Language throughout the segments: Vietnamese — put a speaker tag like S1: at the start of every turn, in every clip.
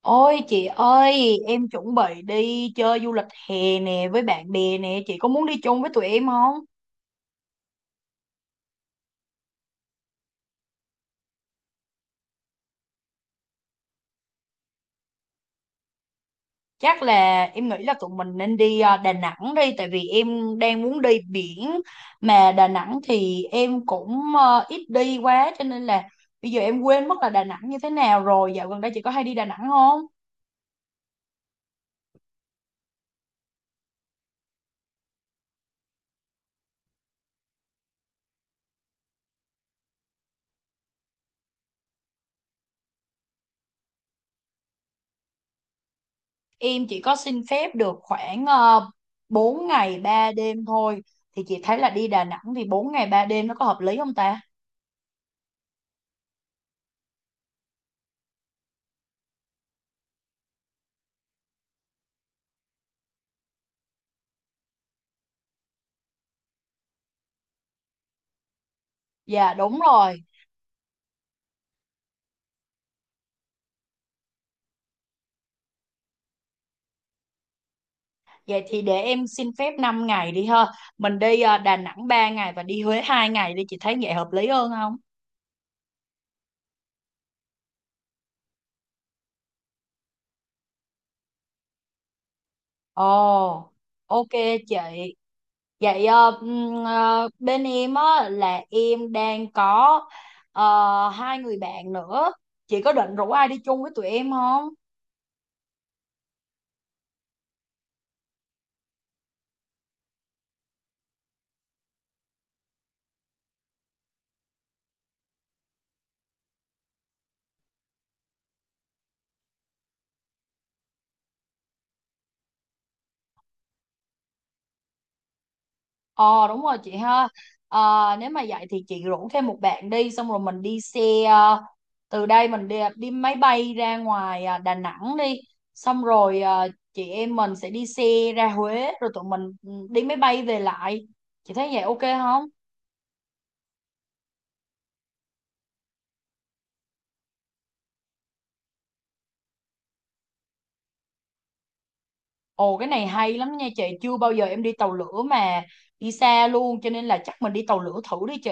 S1: Ôi chị ơi, em chuẩn bị đi chơi du lịch hè nè với bạn bè nè, chị có muốn đi chung với tụi em không? Chắc là em nghĩ là tụi mình nên đi Đà Nẵng đi, tại vì em đang muốn đi biển, mà Đà Nẵng thì em cũng ít đi quá, cho nên là bây giờ em quên mất là Đà Nẵng như thế nào rồi. Dạo gần đây chị có hay đi Đà Nẵng không? Em chỉ có xin phép được khoảng uh, 4 ngày 3 đêm thôi, thì chị thấy là đi Đà Nẵng thì 4 ngày 3 đêm nó có hợp lý không ta? Dạ đúng rồi. Vậy thì để em xin phép 5 ngày đi ha. Mình đi Đà Nẵng 3 ngày và đi Huế 2 ngày đi. Chị thấy vậy hợp lý hơn không? Ồ, ok chị. Vậy bên em á, là em đang có ờ, hai người bạn nữa. Chị có định rủ ai đi chung với tụi em không? Ờ, đúng rồi chị ha. Nếu mà vậy thì chị rủ thêm một bạn đi. Xong rồi mình đi xe ờ, từ đây mình đi máy bay ra ngoài Đà Nẵng đi. Xong rồi chị em mình sẽ đi xe ra Huế. Rồi tụi mình đi máy bay về lại. Chị thấy vậy ok không? Ồ, cái này hay lắm nha chị. Chưa bao giờ em đi tàu lửa mà. Đi xa luôn cho nên là chắc mình đi tàu lửa thử đi chị.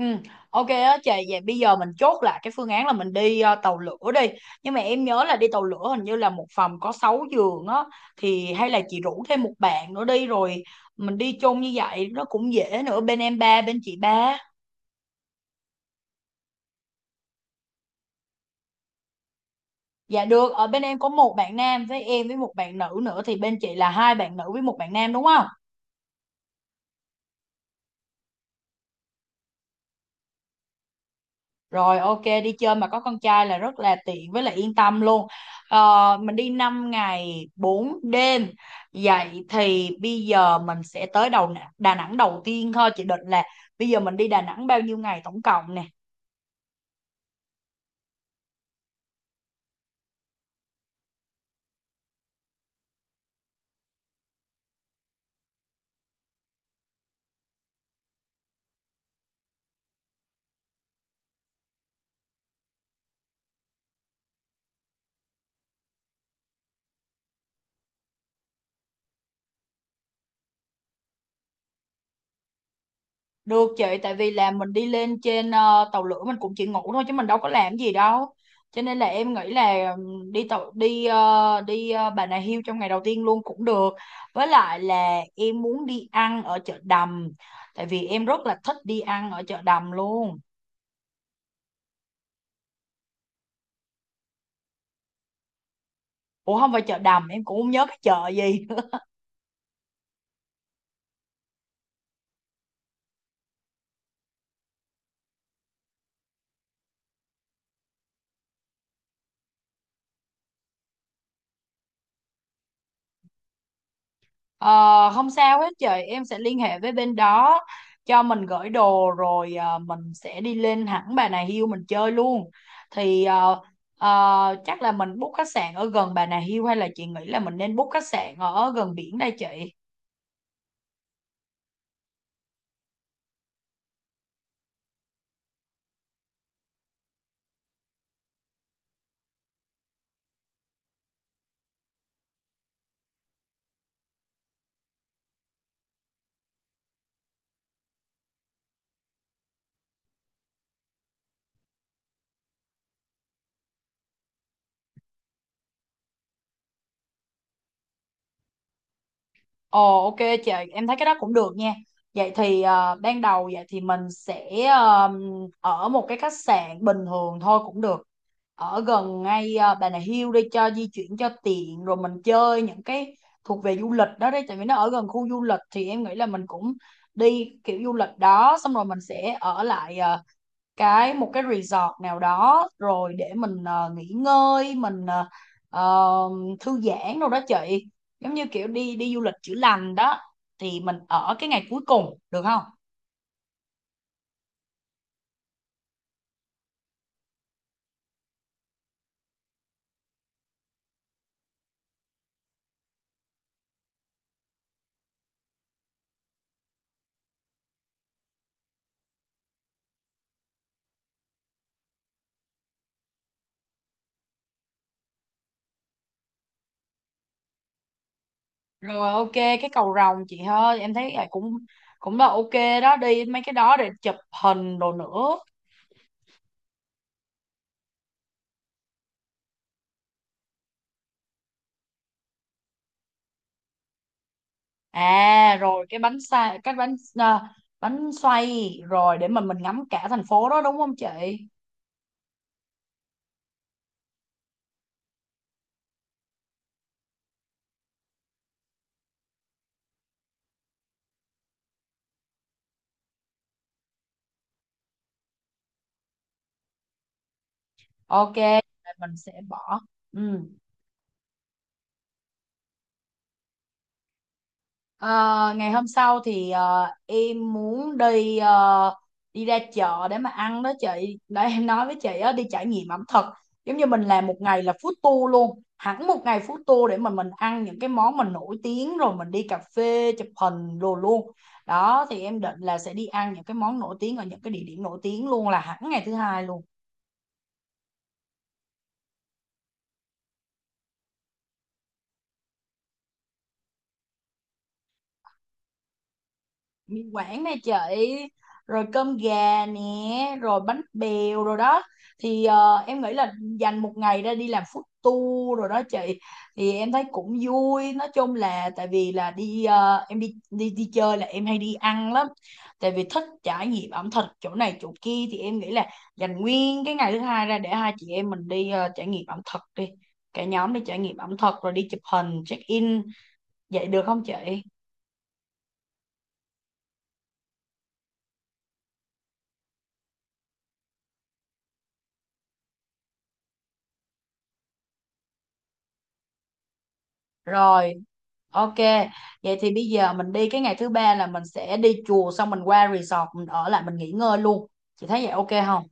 S1: Ừ, ok á chị, vậy bây giờ mình chốt lại cái phương án là mình đi tàu lửa đi. Nhưng mà em nhớ là đi tàu lửa hình như là một phòng có 6 giường á, thì hay là chị rủ thêm một bạn nữa đi rồi mình đi chung như vậy nó cũng dễ nữa, bên em ba bên chị ba. Dạ được, ở bên em có một bạn nam với em với một bạn nữ nữa, thì bên chị là hai bạn nữ với một bạn nam đúng không? Rồi, ok, đi chơi mà có con trai là rất là tiện với lại yên tâm luôn. Ờ, mình đi 5 ngày 4 đêm. Vậy thì bây giờ mình sẽ tới đầu Đà Nẵng đầu tiên thôi. Chị định là bây giờ mình đi Đà Nẵng bao nhiêu ngày tổng cộng nè? Được chị, tại vì là mình đi lên trên tàu lửa mình cũng chỉ ngủ thôi chứ mình đâu có làm gì đâu. Cho nên là em nghĩ là đi tàu đi đi Bà Nà Hills trong ngày đầu tiên luôn cũng được. Với lại là em muốn đi ăn ở chợ Đầm, tại vì em rất là thích đi ăn ở chợ Đầm luôn. Ủa không phải chợ Đầm, em cũng không nhớ cái chợ gì. Ờ, không sao hết chị, em sẽ liên hệ với bên đó cho mình gửi đồ rồi mình sẽ đi lên hẳn Bà Nà Hills mình chơi luôn, thì chắc là mình book khách sạn ở gần Bà Nà Hills hay là chị nghĩ là mình nên book khách sạn ở gần biển đây chị? Ồ, ok chị, em thấy cái đó cũng được nha. Vậy thì ban đầu vậy thì mình sẽ ở một cái khách sạn bình thường thôi cũng được. Ở gần ngay Bà Nà Hills đi cho di chuyển cho tiện rồi mình chơi những cái thuộc về du lịch đó đấy, tại vì nó ở gần khu du lịch thì em nghĩ là mình cũng đi kiểu du lịch đó, xong rồi mình sẽ ở lại một cái resort nào đó rồi để mình nghỉ ngơi, mình ờ, thư giãn đâu đó chị, giống như kiểu đi đi du lịch chữa lành đó, thì mình ở cái ngày cuối cùng được không? Rồi, ok, cái cầu rồng chị ơi, em thấy là cũng cũng là ok. Đó, đi mấy cái đó để chụp hình đồ nữa. À, rồi cái bánh ờ, bánh xoay rồi để mình ngắm cả thành phố đó đúng không chị? Ok, mình sẽ bỏ. Ừ. Ờ, ngày hôm sau thì em muốn đi ờ, đi ra chợ để mà ăn đó chị. Để em nói với chị á, đi trải nghiệm ẩm thực. Giống như mình làm một ngày là food tour luôn. Hẳn một ngày food tour để mà mình ăn những cái món mình nổi tiếng rồi mình đi cà phê chụp hình đồ luôn. Đó, thì em định là sẽ đi ăn những cái món nổi tiếng ở những cái địa điểm nổi tiếng luôn là hẳn ngày thứ hai luôn. Mì Quảng nè chị, rồi cơm gà nè, rồi bánh bèo rồi đó, thì em nghĩ là dành một ngày ra đi làm food tour rồi đó chị, thì em thấy cũng vui, nói chung là tại vì là đi em đi đi đi chơi là em hay đi ăn lắm, tại vì thích trải nghiệm ẩm thực chỗ này chỗ kia, thì em nghĩ là dành nguyên cái ngày thứ hai ra để hai chị em mình đi trải nghiệm ẩm thực đi, cả nhóm đi trải nghiệm ẩm thực rồi đi chụp hình check in, vậy được không chị? Rồi. Ok, vậy thì bây giờ mình đi cái ngày thứ ba là mình sẽ đi chùa xong mình qua resort mình ở lại mình nghỉ ngơi luôn. Chị thấy vậy ok không?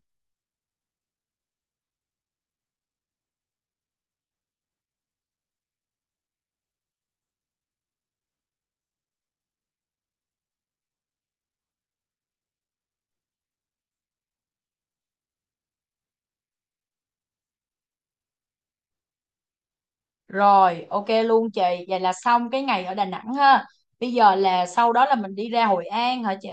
S1: Rồi, ok luôn chị. Vậy là xong cái ngày ở Đà Nẵng ha. Bây giờ là sau đó là mình đi ra Hội An hả chị?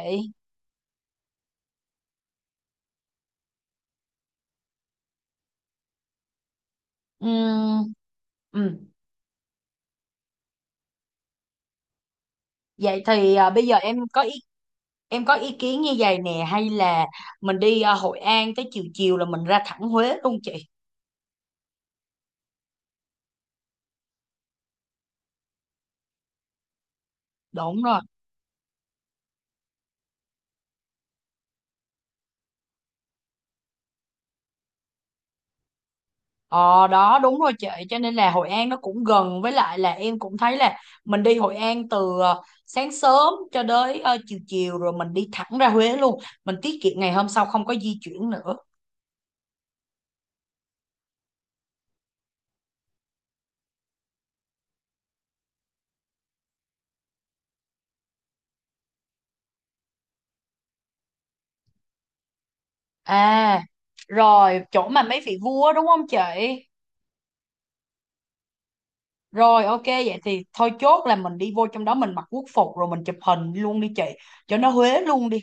S1: Ừm. Ừm. Vậy thì bây giờ em có ý kiến như vậy nè, hay là mình đi Hội An tới chiều chiều là mình ra thẳng Huế luôn chị? Đúng rồi. Ờ đó đúng rồi chị, cho nên là Hội An nó cũng gần, với lại là em cũng thấy là mình đi Hội An từ sáng sớm cho đến chiều chiều rồi mình đi thẳng ra Huế luôn, mình tiết kiệm ngày hôm sau không có di chuyển nữa. À, rồi chỗ mà mấy vị vua đúng không chị? Rồi, ok, vậy thì thôi chốt là mình đi vô trong đó mình mặc quốc phục rồi mình chụp hình luôn đi chị, cho nó Huế luôn đi.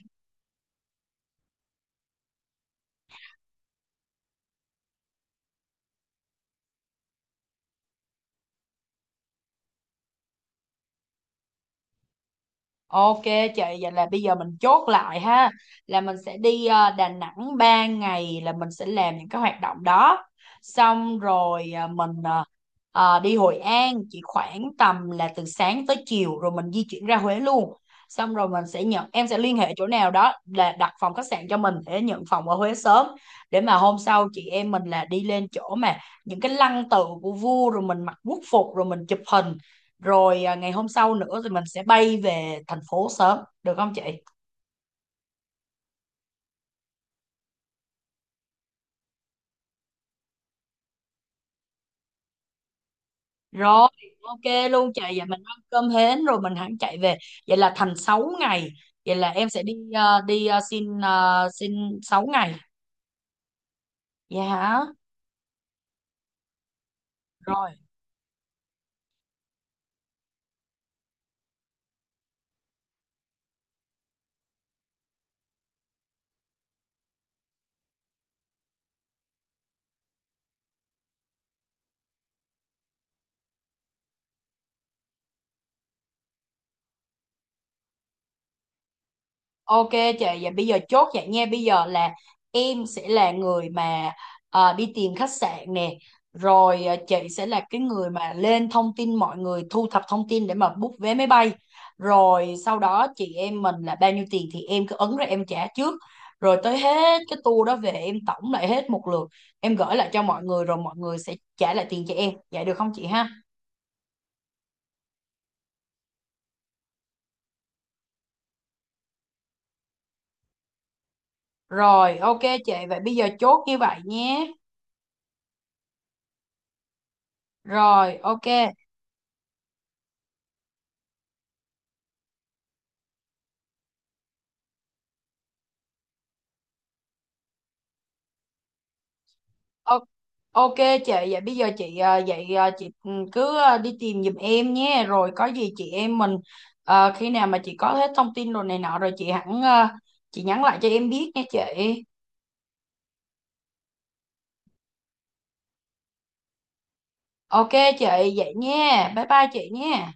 S1: Ok chị, vậy là bây giờ mình chốt lại ha, là mình sẽ đi Đà Nẵng 3 ngày là mình sẽ làm những cái hoạt động đó. Xong rồi mình đi Hội An chỉ khoảng tầm là từ sáng tới chiều rồi mình di chuyển ra Huế luôn. Xong rồi mình sẽ nhận, em sẽ liên hệ chỗ nào đó là đặt phòng khách sạn cho mình để nhận phòng ở Huế sớm, để mà hôm sau chị em mình là đi lên chỗ mà những cái lăng tự của vua rồi mình mặc quốc phục rồi mình chụp hình, rồi ngày hôm sau nữa thì mình sẽ bay về thành phố sớm được không chị? Rồi ok luôn chị, vậy mình ăn cơm hến rồi mình hẳn chạy về. Vậy là thành 6 ngày. Vậy là em sẽ đi à, đi à, xin 6 ngày. Dạ hả. Rồi. Ok chị, vậy bây giờ chốt vậy nha. Bây giờ là em sẽ là người mà đi tìm khách sạn nè. Rồi chị sẽ là cái người mà lên thông tin mọi người, thu thập thông tin để mà book vé máy bay. Rồi sau đó chị em mình là bao nhiêu tiền thì em cứ ấn ra em trả trước. Rồi tới hết cái tour đó về em tổng lại hết một lượt. Em gửi lại cho mọi người rồi mọi người sẽ trả lại tiền cho em. Vậy được không chị ha? Rồi ok chị, vậy bây giờ chốt như vậy nhé. Rồi ok. Ô- Ok chị, vậy bây giờ chị à, vậy à, chị ừ, cứ à, đi tìm giùm em nhé, rồi có gì chị em mình khi nào mà chị có hết thông tin rồi này nọ rồi chị hẳn chị nhắn lại cho em biết nha chị. Ok chị, vậy nha, bye bye chị nha.